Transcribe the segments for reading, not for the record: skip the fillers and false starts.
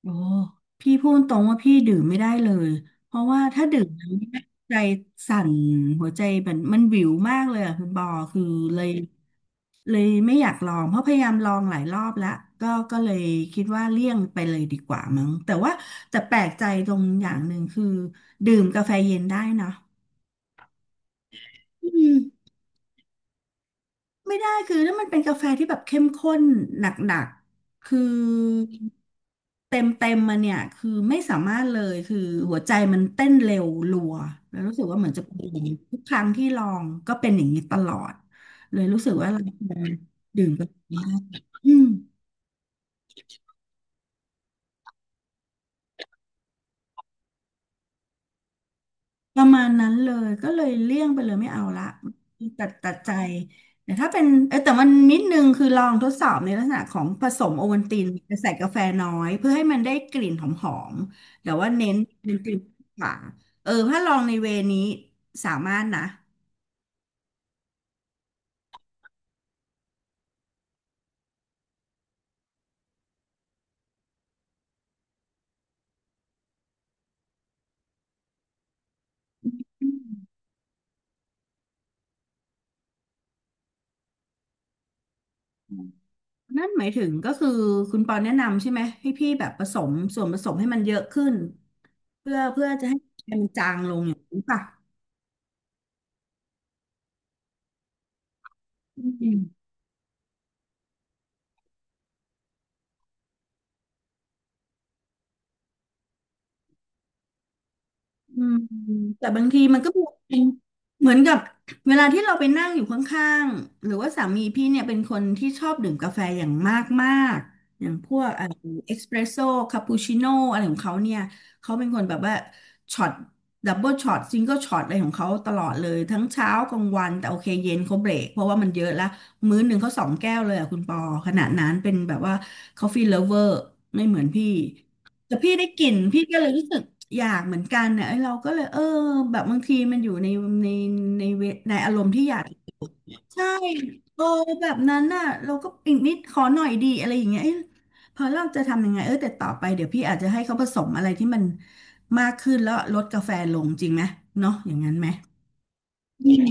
โอ้พี่พูดตรงว่าพี่ดื่มไม่ได้เลยเพราะว่าถ้าดื่มน้ำเนี่ยใจสั่นหัวใจมันวิวมากเลยอะคุณบอคือเลยเลยไม่อยากลองเพราะพยายามลองหลายรอบแล้วก็เลยคิดว่าเลี่ยงไปเลยดีกว่ามั้งแต่ว่าแต่แปลกใจตรงอย่างหนึ่งคือดื่มกาแฟเย็นได้เนอะอืม ไม่ได้คือถ้ามันเป็นกาแฟที่แบบเข้มข้นหนักๆคือเต็มมาเนี่ยคือไม่สามารถเลยคือหัวใจมันเต้นเร็วรัวแล้วรู้สึกว่าเหมือนจะเป็นอย่างนี้ทุกครั้งที่ลองก็เป็นอย่างนี้ตลอดเลยรู้สึกว่าเราควรดื่มกาแฟไ้อืม ประมาณนั้นเลยก็เลยเลี่ยงไปเลยไม่เอาละตัดใจแต่ถ้าเป็นแต่มันนิดนึงคือลองทดสอบในลักษณะของผสมโอวัลตินแต่ใส่กาแฟน้อยเพื่อให้มันได้กลิ่นหอมๆแต่ว่าเน้นเน้นกลิ่นกว่าถ้าลองในเวนี้สามารถนะนั่นหมายถึงก็คือคุณปอนแนะนำใช่ไหมให้พี่แบบผสมส่วนผสมให้มันเยอะขึ้นเพื่อจะให้มันจางลงอย่างนี้ป่ะอืม อืมแต่บางทีมันก็เป็นเหมือนกับเวลาที่เราไปนั่งอยู่ข้างๆหรือว่าสามีพี่เนี่ยเป็นคนที่ชอบดื่มกาแฟอย่างมากๆอย่างพวกเอกซ์เพรสโซ่คาปูชิโน่อะไรของเขาเนี่ยเขาเป็นคนแบบว่าช็อตดับเบิลช็อตซิงเกิลช็อตอะไรของเขาตลอดเลยทั้งเช้ากลางวันแต่โอเคเย็นเขาเบรกเพราะว่ามันเยอะละมื้อหนึ่งเขาสองแก้วเลยอะคุณปอขนาดนั้นเป็นแบบว่าค o f ฟ e e เลิฟเวอร์ไม่เหมือนพี่แต่พี่ได้กลิ่นพี่ก็เลยรู้สึก อยากเหมือนกันเนี่ยไอ้เราก็เลยแบบบางทีมันอยู่ในในเวในอารมณ์ที่อยากใช่เออแบบนั้นน่ะเราก็อีกนิดขอหน่อยดีอะไรอย่างเงี้ยเอ้ยพอเราจะทำยังไงแต่ต่อไปเดี๋ยวพี่อาจจะให้เขาผสมอะไรที่มันมากขึ้นแล้วลดกาแฟลงจริงไหมเนาะอย่างนั้นไหมอืม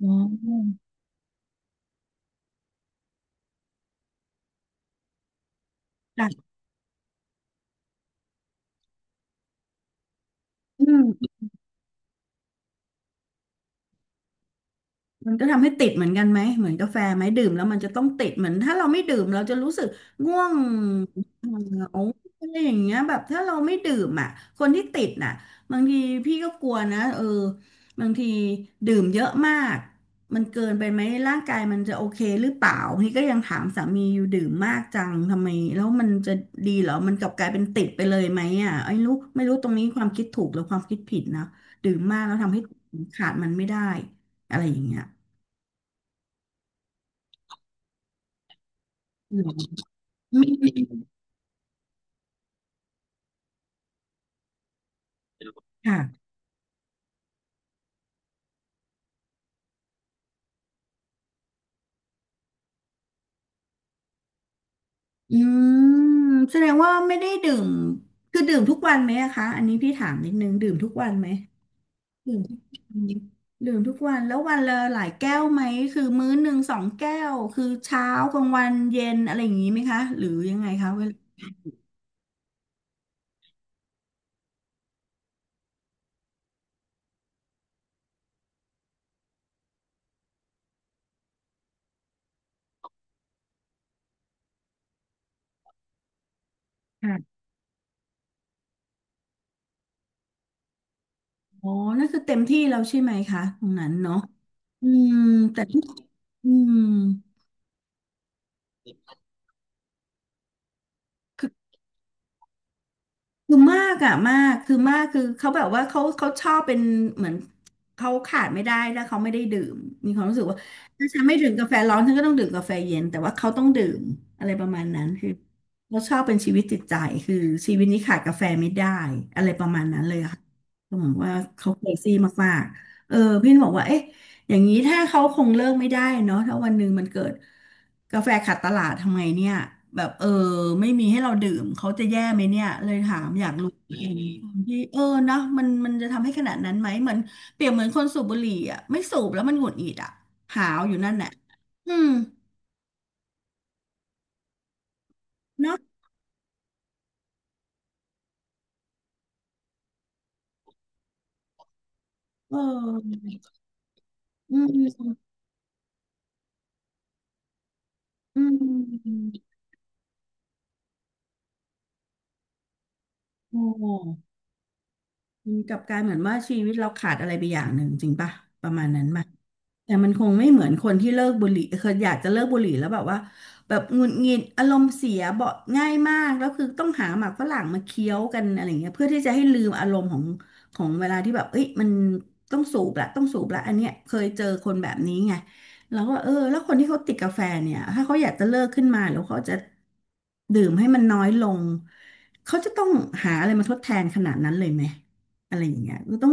อ๋อจ้ะอืม มันก็ทำให้ติดเหมือนกันไหมเหมือนกาแฟไหมดื่มแล้วมันจะต้องติดเหมือนถ้าเราไม่ดื่มเราจะรู้สึกง่วงเออโอ้อะไรอย่างเงี้ยแบบถ้าเราไม่ดื่มอ่ะคนที่ติดน่ะบางทีพี่ก็กลัวนะบางทีดื่มเยอะมากมันเกินไปไหมร่างกายมันจะโอเคหรือเปล่าพี่ก็ยังถามสามีอยู่ดื่มมากจังทำไมแล้วมันจะดีเหรอมันกลับกลายเป็นติดไปเลยไหมอ่ะไอ้รู้ไม่รู้ตรงนี้ความคิดถูกหรือความคิดผิดนะดื่มมากแล้วทำให้ขาดมันไม่ได้อะไรอย่างเงี้ย อืมไม่มีค่ะอืมแสดงว่าไม่ได้ดื่ม คือดื่มทุกวันไหมอะคะอันนี้พี่ถามนิดนึง ดื่มทุกวันไหมดื่มทุกวันดื่มทุกวัน แล้ววันละหลายแก้วไหมคือมื้อหนึ่งสองแก้วคือเช้ากลางวันเย็นอะไรอย่างนี้ไหมคะ หรือยังไงคะเวลาค่ะอ๋อนั่นคือเต็มที่แล้วใช่ไหมคะตรงนั้นเนาะอืม แต่ทุกอืม คือมากอะมากคือมากคือเขาแบบว่าเขาชอบเป็นเหมือนเขาขาดไม่ได้ถ้าเขาไม่ได้ดื่มมีความรู้สึกว่าถ้าฉันไม่ดื่มกาแฟร้อนฉันก็ต้องดื่มกาแฟเย็นแต่ว่าเขาต้องดื่มอะไรประมาณนั้นคือเขาชอบเป็นชีวิตจิตใจคือชีวิตนี้ขาดกาแฟไม่ได้อะไรประมาณนั้นเลยอะค่ะก็เหมือนว่าเขาเครซี่มากๆพี่บอกว่าเอ๊ะ อย่างนี้ถ้าเขาคงเลิกไม่ได้เนาะถ้าวันหนึ่งมันเกิดกาแฟขาดตลาดทำไงเนี่ยแบบไม่มีให้เราดื่มเขาจะแย่ไหมเนี่ยเลยถามอยากรู้อื่างมที่นะมันจะทำให้ขนาดนั้นไหมเหมือนเปรียบเหมือนคนสูบบุหรี่อ่ะไม่สูบแล้วมันหงุดหงิดอ่ะหาวอยู่นั่นแหละอืมเนาะเอออืมอืมโอ้ มันกลับกลายเหมือนว่าชีวิตเราขาดอะไรไปอย่างหนึ่งจริงป่ะประมาณนั้นป่ะแต่มันคงไม่เหมือนคนที่เลิกบุหรี่เคยอยากจะเลิกบุหรี่แล้วแบบว่าแบบหงุดหงิดอารมณ์เสียเบาะง่ายมากแล้วคือต้องหาหมากฝรั่งมาเคี้ยวกันอะไรเงี้ยเพื่อที่จะให้ลืมอารมณ์ของเวลาที่แบบเอ้ยมันต้องสูบละต้องสูบละอันเนี้ยเคยเจอคนแบบนี้ไงเรวก็เออแล้วคนที่เขาติดกาแฟเนี่ยถ้าเขาอยากจะเลิกขึ้นมาหรือเขาจะดื่มให้มันน้อยลงเขาจะต้องหาอะไรมาทดแทนขนาดนั้นเลยไหม อะไรอย่างเงี้ยก็ต้อง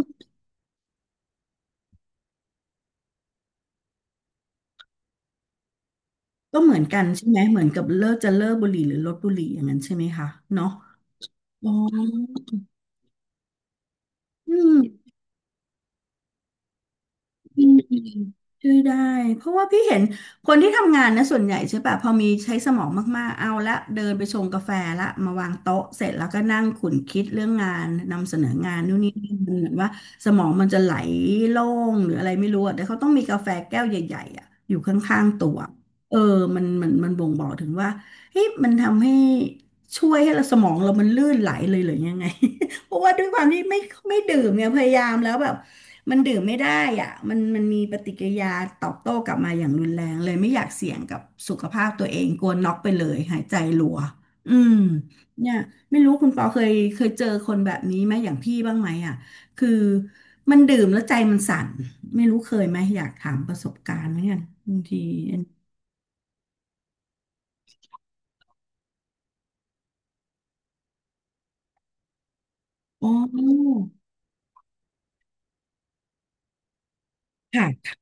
ก็เหมือนกันใช่ไหมเหมือนกับเลิกจะเลิกบุหรี่หรือลดบุหรี่อย่างนั้นใช่ไหมคะเนาะอ๋ออืม อืมช่วยได้เพราะว่าพี่เห็นคนที่ทำงานนะส่วนใหญ่ใช่ปะพอมีใช้สมองมากๆเอาละเดินไปชงกาแฟละมาวางโต๊ะเสร็จแล้วก็นั่งขุนคิดเรื่องงานนำเสนองานนู่นนี่นั่นมันเหมือนว่าสมองมันจะไหลโล่งหรืออะไรไม่รู้อะแต่เขาต้องมีกาแฟแก้วใหญ่ๆอะอยู่ข้างๆตัวเออมันบ่งบอกถึงว่าเฮ้ยมันทำให้ช่วยให้เราสมองเรามันลื่นไหลเลยหรือยังไง เพราะว่าด้วยความที่ไม่ดื่มเนี่ยพยายามแล้วแบบ มันดื่มไม่ได้อ่ะมันมีปฏิกิริยาตอบโต้กลับมาอย่างรุนแรงเลยไม่อยากเสี่ยงกับสุขภาพตัวเองกลัวน็อกไปเลยหายใจรัวอืมเนี่ยไม่รู้คุณปอเคยเจอคนแบบนี้ไหมอย่างพี่บ้างไหมอ่ะคือมันดื่มแล้วใจมันสั่นไม่รู้เคยไหมอยากถามประสบการณ์เหมือนกันบางทีอ๋อค่ะ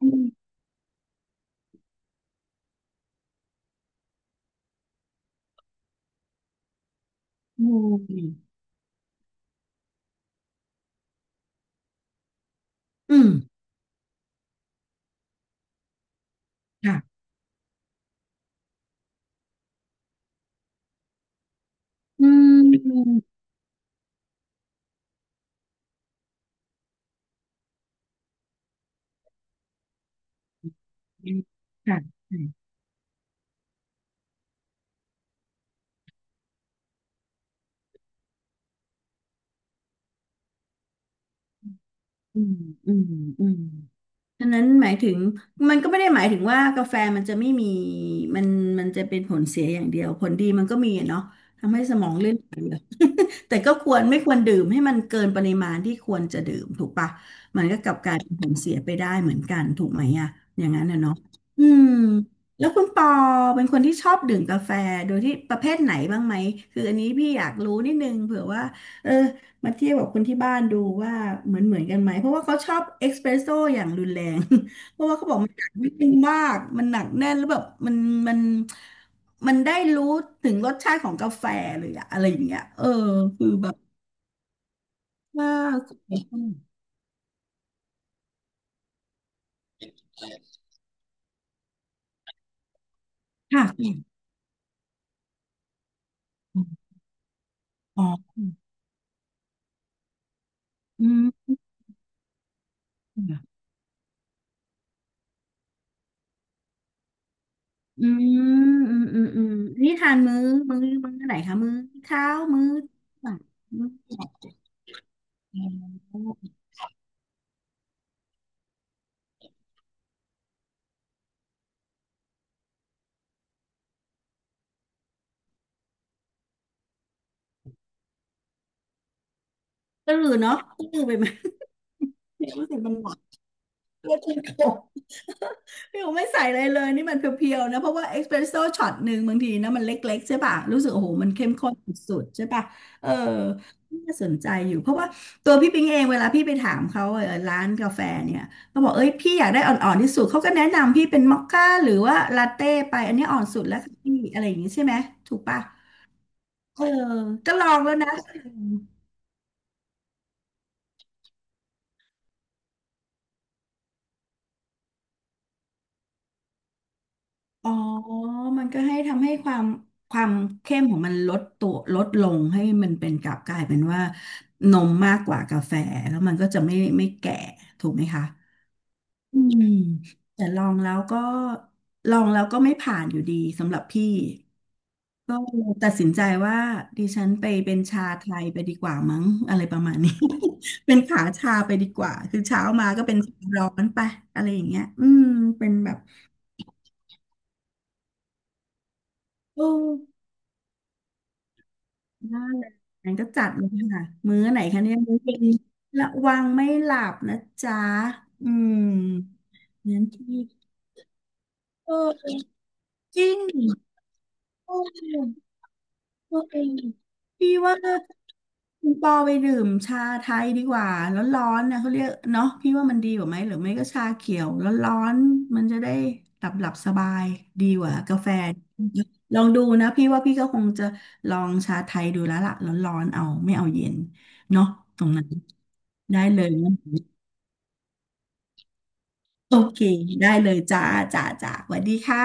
อืมอืมอืมค่ะอืมค่ะอืมอืมอืม ฉะนั้นหมายถึงมันก็ไม่ได้หมายถึงว่ากาแฟมันจะไม่มีมันมันจะเป็นผลเสียอย่างเดียวผลดีมันก็มีอะเนาะทำให้สมองเลื่อนไหลเหรอ แต่ก็ควรไม่ควรดื่มให้มันเกินปริมาณที่ควรจะดื่มถูกปะมันก็กลับกลายเป็นผลเสียไปได้เหมือนกันถูกไหมอะอย่างนั้นนะเนาะอืมแล้วคุณปอเป็นคนที่ชอบดื่มกาแฟโดยที่ประเภทไหนบ้างไหมคืออันนี้พี่อยากรู้นิดนึงเผื่อว่าเออ มาเทียบกับคนที่บ้านดูว่าเหมือนกันไหมเพราะว่าเขาชอบเอสเปรสโซ่อย่างรุนแรง เพราะว่าเขาบอกมันอัดวิตเต็มนมากมันหนักแน่นแล้วแบบมันมันได้รู้ถึงรสชาติของกาแฟเลยอะอะไรอย่างเงี้ยเออคือแบบว่าค่ะอ๋ออืมอืมอืมอืมอืมนี่ทานมื้อมื้อไหนคะมื้อเช้ามื้อบ่ายมื้อก็หรือเนาะก็หรือไปไหม เนี่ยรู้สึกมันหวานเพื่อที่โต พี่ผมไม่ใส่อะไรเลยนี่มันเพียวๆนะเพราะว่าเอสเปรสโซ่ช็อตหนึ่งบางทีนะมันเล็กๆใช่ป่ะรู้สึกโอ้โหมันเข้มข้นสุดๆใช่ป่ะเออน่าสนใจอยู่เพราะว่าตัวพี่ปิงเองเวลาพี่ไปถามเขาเออร้านกาแฟเนี่ยเขาบอกเอ้ยพี่อยากได้อ่อนๆที่สุดเขาก็แนะนำพี่เป็นมอคค่าหรือว่าลาเต้ไปอันนี้อ่อนสุดแล้วค่ะพี่อะไรอย่างงี้ใช่ไหมถูกป่ะเออก็ลองแล้วนะ อ๋อมันก็ให้ทำให้ความเข้มของมันลดตัวลดลงให้มันเป็นกลับกลายเป็นว่านมมากกว่ากาแฟแล้วมันก็จะไม่แก่ถูกไหมคะอืมแต่ลองแล้วก็ไม่ผ่านอยู่ดีสำหรับพี่ก็เลยตัดสินใจว่าดิฉันไปเป็นชาไทยไปดีกว่ามั้ง อะไรประมาณนี้ เป็นขาชาไปดีกว่าคือเช้ามาก็เป็นชาร้อนไปอะไรอย่างเงี้ยอืมเป็นแบบโอ้ นั่นแหละงั้นก็จัดเลยค่ะมื้อไหนคะเนี่ยมื้อเย็นระวังไม่หลับนะจ๊ะอืมงั้นที่เออจริงโอ้ ตัวเองพี่ว่าคุณปอไปดื่มชาไทยดีกว่าร้อนๆนะเขาเรียกเนาะพี่ว่ามันดีกว่าไหมหรือไม่ก็ชาเขียวร้อนๆมันจะได้หลับสบายดีกว่ากาแฟลองดูนะพี่ว่าพี่ก็คงจะลองชาไทยดูแล้วล่ะร้อนๆเอาไม่เอาเย็นเนาะตรงนั้นได้เลยโอเคได้เลยจ้าจ้าสวัสดีค่ะ